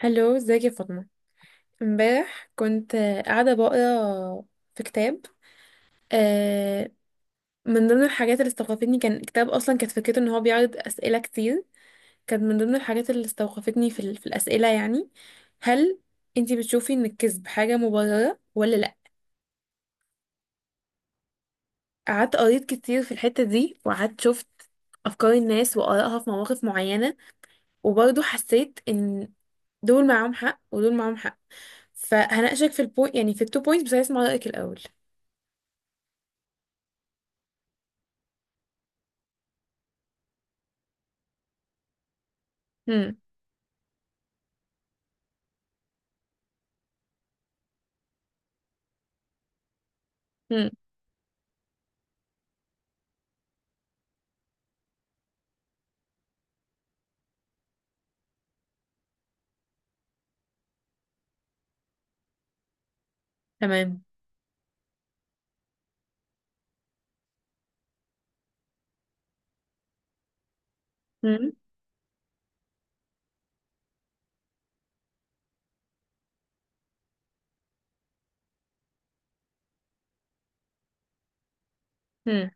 هلو ازيك يا فاطمة. امبارح كنت قاعدة بقرا في كتاب. آه، من ضمن الحاجات اللي استوقفتني كان كتاب أصلا كانت فكرته إن هو بيعرض أسئلة كتير. كانت من ضمن الحاجات اللي استوقفتني في الأسئلة، يعني هل انتي بتشوفي إن الكذب حاجة مبررة ولا لأ؟ قعدت قريت كتير في الحتة دي وقعدت شفت أفكار الناس وآرائها في مواقف معينة. وبرضه حسيت إن دول معاهم حق ودول معاهم حق. فهناقشك في البوينت، يعني في التو بوينتس، بس عايز اسمع رأيك الأول. مم. تمام. مم. مم.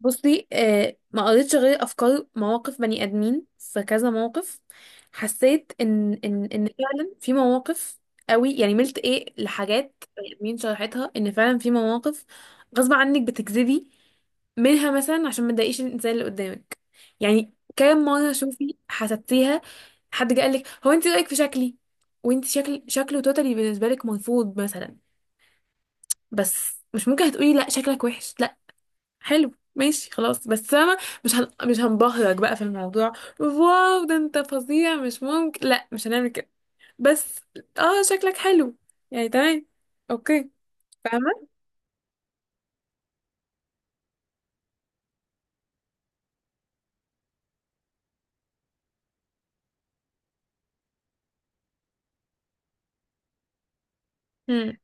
بصي آه، ما قريتش غير افكار مواقف بني ادمين في كذا موقف. حسيت ان فعلا في مواقف قوي، يعني ملت ايه لحاجات بني ادمين شرحتها، ان فعلا في مواقف غصب عنك بتكذبي منها، مثلا عشان ما تضايقيش الانسان اللي قدامك. يعني كام مره شوفي حسبتيها؟ حد قال لك هو انت رايك في شكلي، وانت شكل شكله توتالي بالنسبه لك مرفوض مثلا، بس مش ممكن هتقولي لا شكلك وحش. حلو ماشي، خلاص، بس انا مش هنبهرك بقى في الموضوع. واو ده انت فظيع، مش ممكن، لا مش هنعمل كده. بس اه شكلك حلو، يعني تمام. اوكي فاهمة. هم.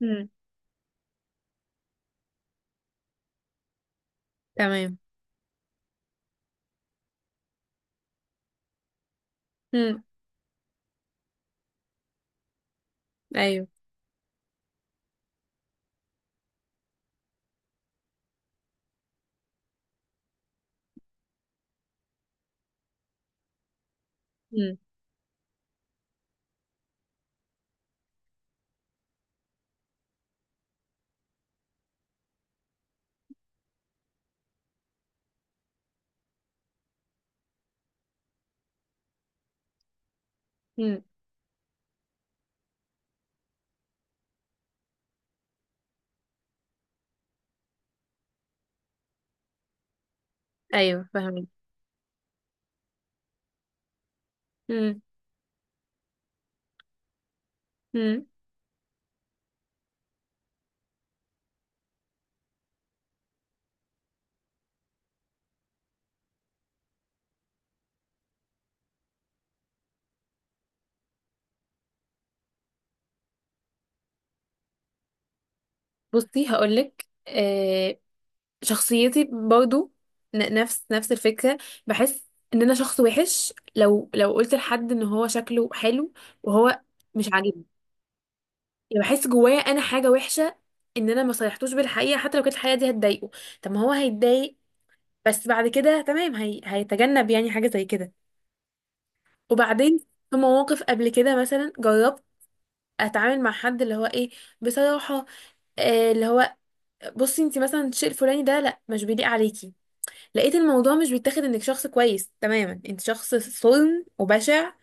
هم. تمام. هم. ايوه. هم. هم. ايوه فاهمين. هم. هم. بصي هقولك آه، شخصيتي برضو نفس الفكرة. بحس ان انا شخص وحش لو قلت لحد ان هو شكله حلو وهو مش عاجبني. يعني بحس جوايا انا حاجه وحشه ان انا ما صالحتوش بالحقيقه، حتى لو كانت الحقيقه دي هتضايقه. طب ما هو هيتضايق بس بعد كده تمام، هيتجنب يعني حاجه زي كده. وبعدين في مواقف قبل كده مثلا جربت اتعامل مع حد اللي هو ايه، بصراحه، اللي هو بصي انت مثلا الشيء الفلاني ده لا مش بيليق عليكي. لقيت الموضوع مش بيتاخد انك شخص كويس، تماما انت شخص صلن وبشع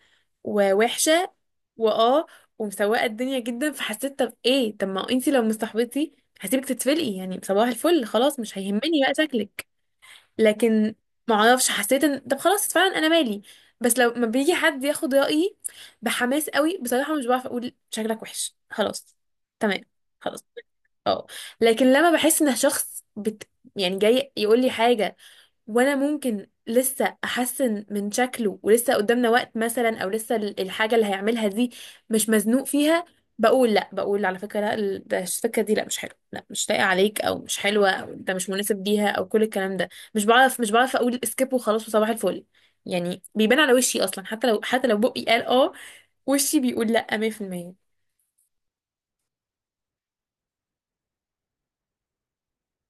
ووحشه واه ومسوقه الدنيا جدا. فحسيت طب ايه، طب ما انتي لو مصاحبتي هسيبك تتفلقي، يعني صباح الفل، خلاص مش هيهمني بقى شكلك. لكن ما اعرفش، حسيت ان طب خلاص فعلا انا مالي. بس لو ما بيجي حد ياخد رايي بحماس قوي بصراحه، مش بعرف اقول شكلك وحش خلاص. تمام، خلاص. اه. لكن لما بحس ان يعني جاي يقول لي حاجه، وانا ممكن لسه احسن من شكله ولسه قدامنا وقت مثلا، او لسه الحاجه اللي هيعملها دي مش مزنوق فيها، بقول لا. بقول على فكره لا، ال- ده الفكره دي لا مش حلوه، لا مش لايقه عليك، او مش حلوه، او ده مش مناسب ليها، او كل الكلام ده. مش بعرف، مش بعرف اقول سكيب وخلاص وصباح الفل. يعني بيبان على وشي اصلا، حتى لو حتى لو بقي قال اه، وشي بيقول لا 100%.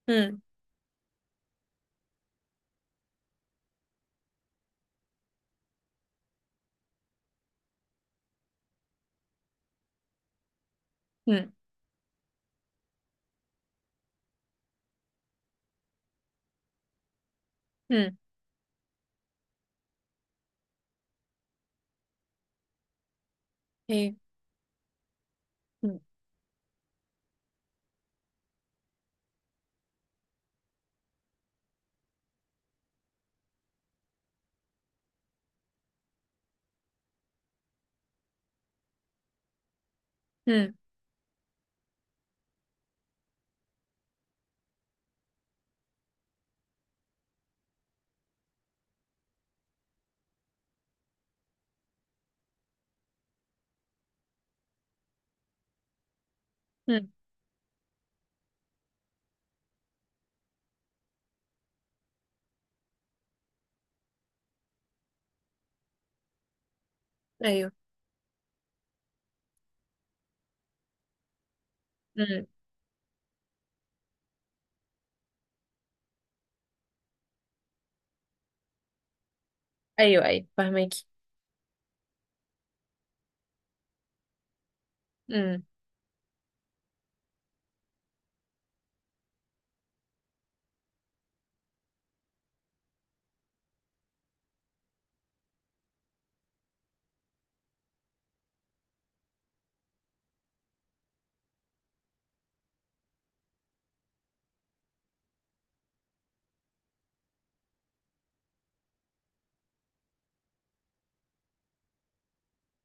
امم. امم. امم. ايه. امم. امم. ايوه. امم. ايوه ايوه فهماكي.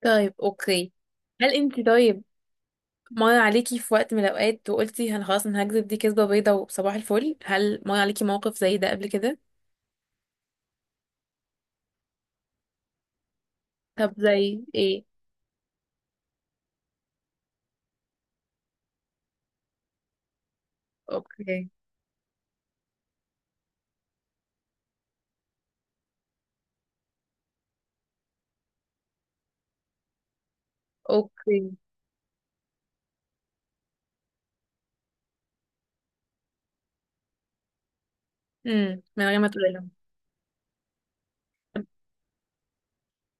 طيب اوكي. هل انت طيب مر عليكي في وقت من الاوقات وقلتي انا خلاص انا هكذب دي كذبه بيضه وصباح الفل؟ هل مر عليكي موقف زي ده قبل كده؟ طب زي ايه؟ اوكي. اوكي. امم. من غير ما تقولي لهم.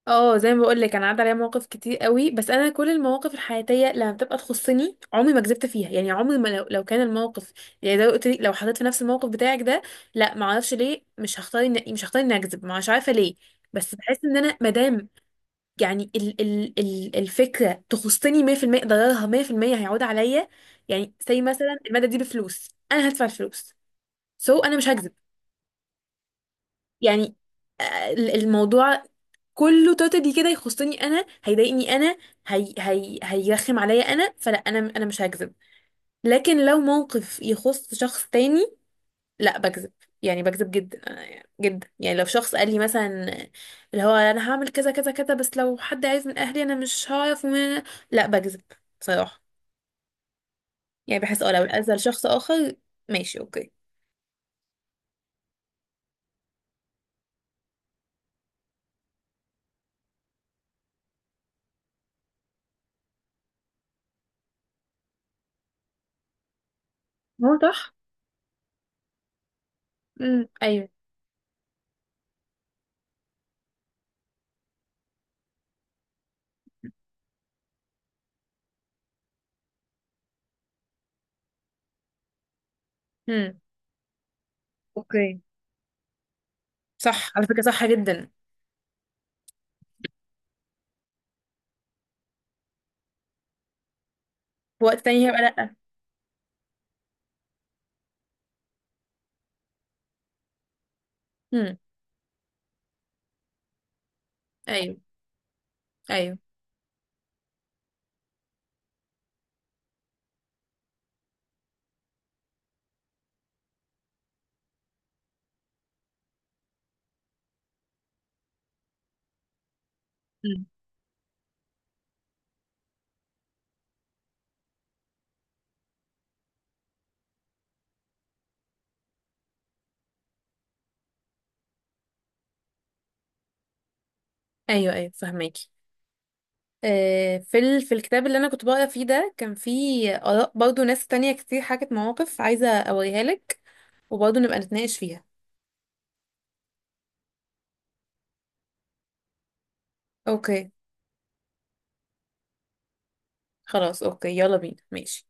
اه زي ما بقول لك انا عدى عليا مواقف كتير قوي. بس انا كل المواقف الحياتيه لما بتبقى تخصني عمري ما كذبت فيها. يعني عمري ما لو كان الموقف، يعني زي ما قلت لك، لو حطيت في نفس الموقف بتاعك ده، لا. ما اعرفش ليه مش هختار مش هختار اني اكذب، مش عارفه ليه. بس بحس ان انا ما دام، يعني ال الفكرة تخصني 100%، ضررها 100% هيعود عليا. يعني زي مثلا المادة دي بفلوس انا هدفع الفلوس، so انا مش هكذب. يعني الموضوع كله توتالي كده يخصني انا، هيضايقني انا، هي هي هيرخم عليا انا، فلا انا مش هكذب. لكن لو موقف يخص شخص تاني، لا بكذب. يعني بكذب جدا. جدا يعني لو شخص قال لي مثلا، اللي هو انا هعمل كذا كذا كذا بس لو حد عايز من اهلي انا مش هعرف لا بكذب بصراحة. يعني بحس اه لو الاذى لشخص اخر. ماشي اوكي. هو صح. امم. ايوه. امم. اوكي. صح على فكرة، صح جدا. في وقت تاني هيبقى لا. امم. ايوه ايوه. امم. ايوه ايوه فهماكي. في الكتاب اللي انا كنت بقرا فيه ده كان فيه اراء برضو ناس تانية كتير حكت مواقف عايزه اوريها لك، وبرضو نبقى نتناقش فيها. اوكي خلاص، اوكي، يلا بينا، ماشي.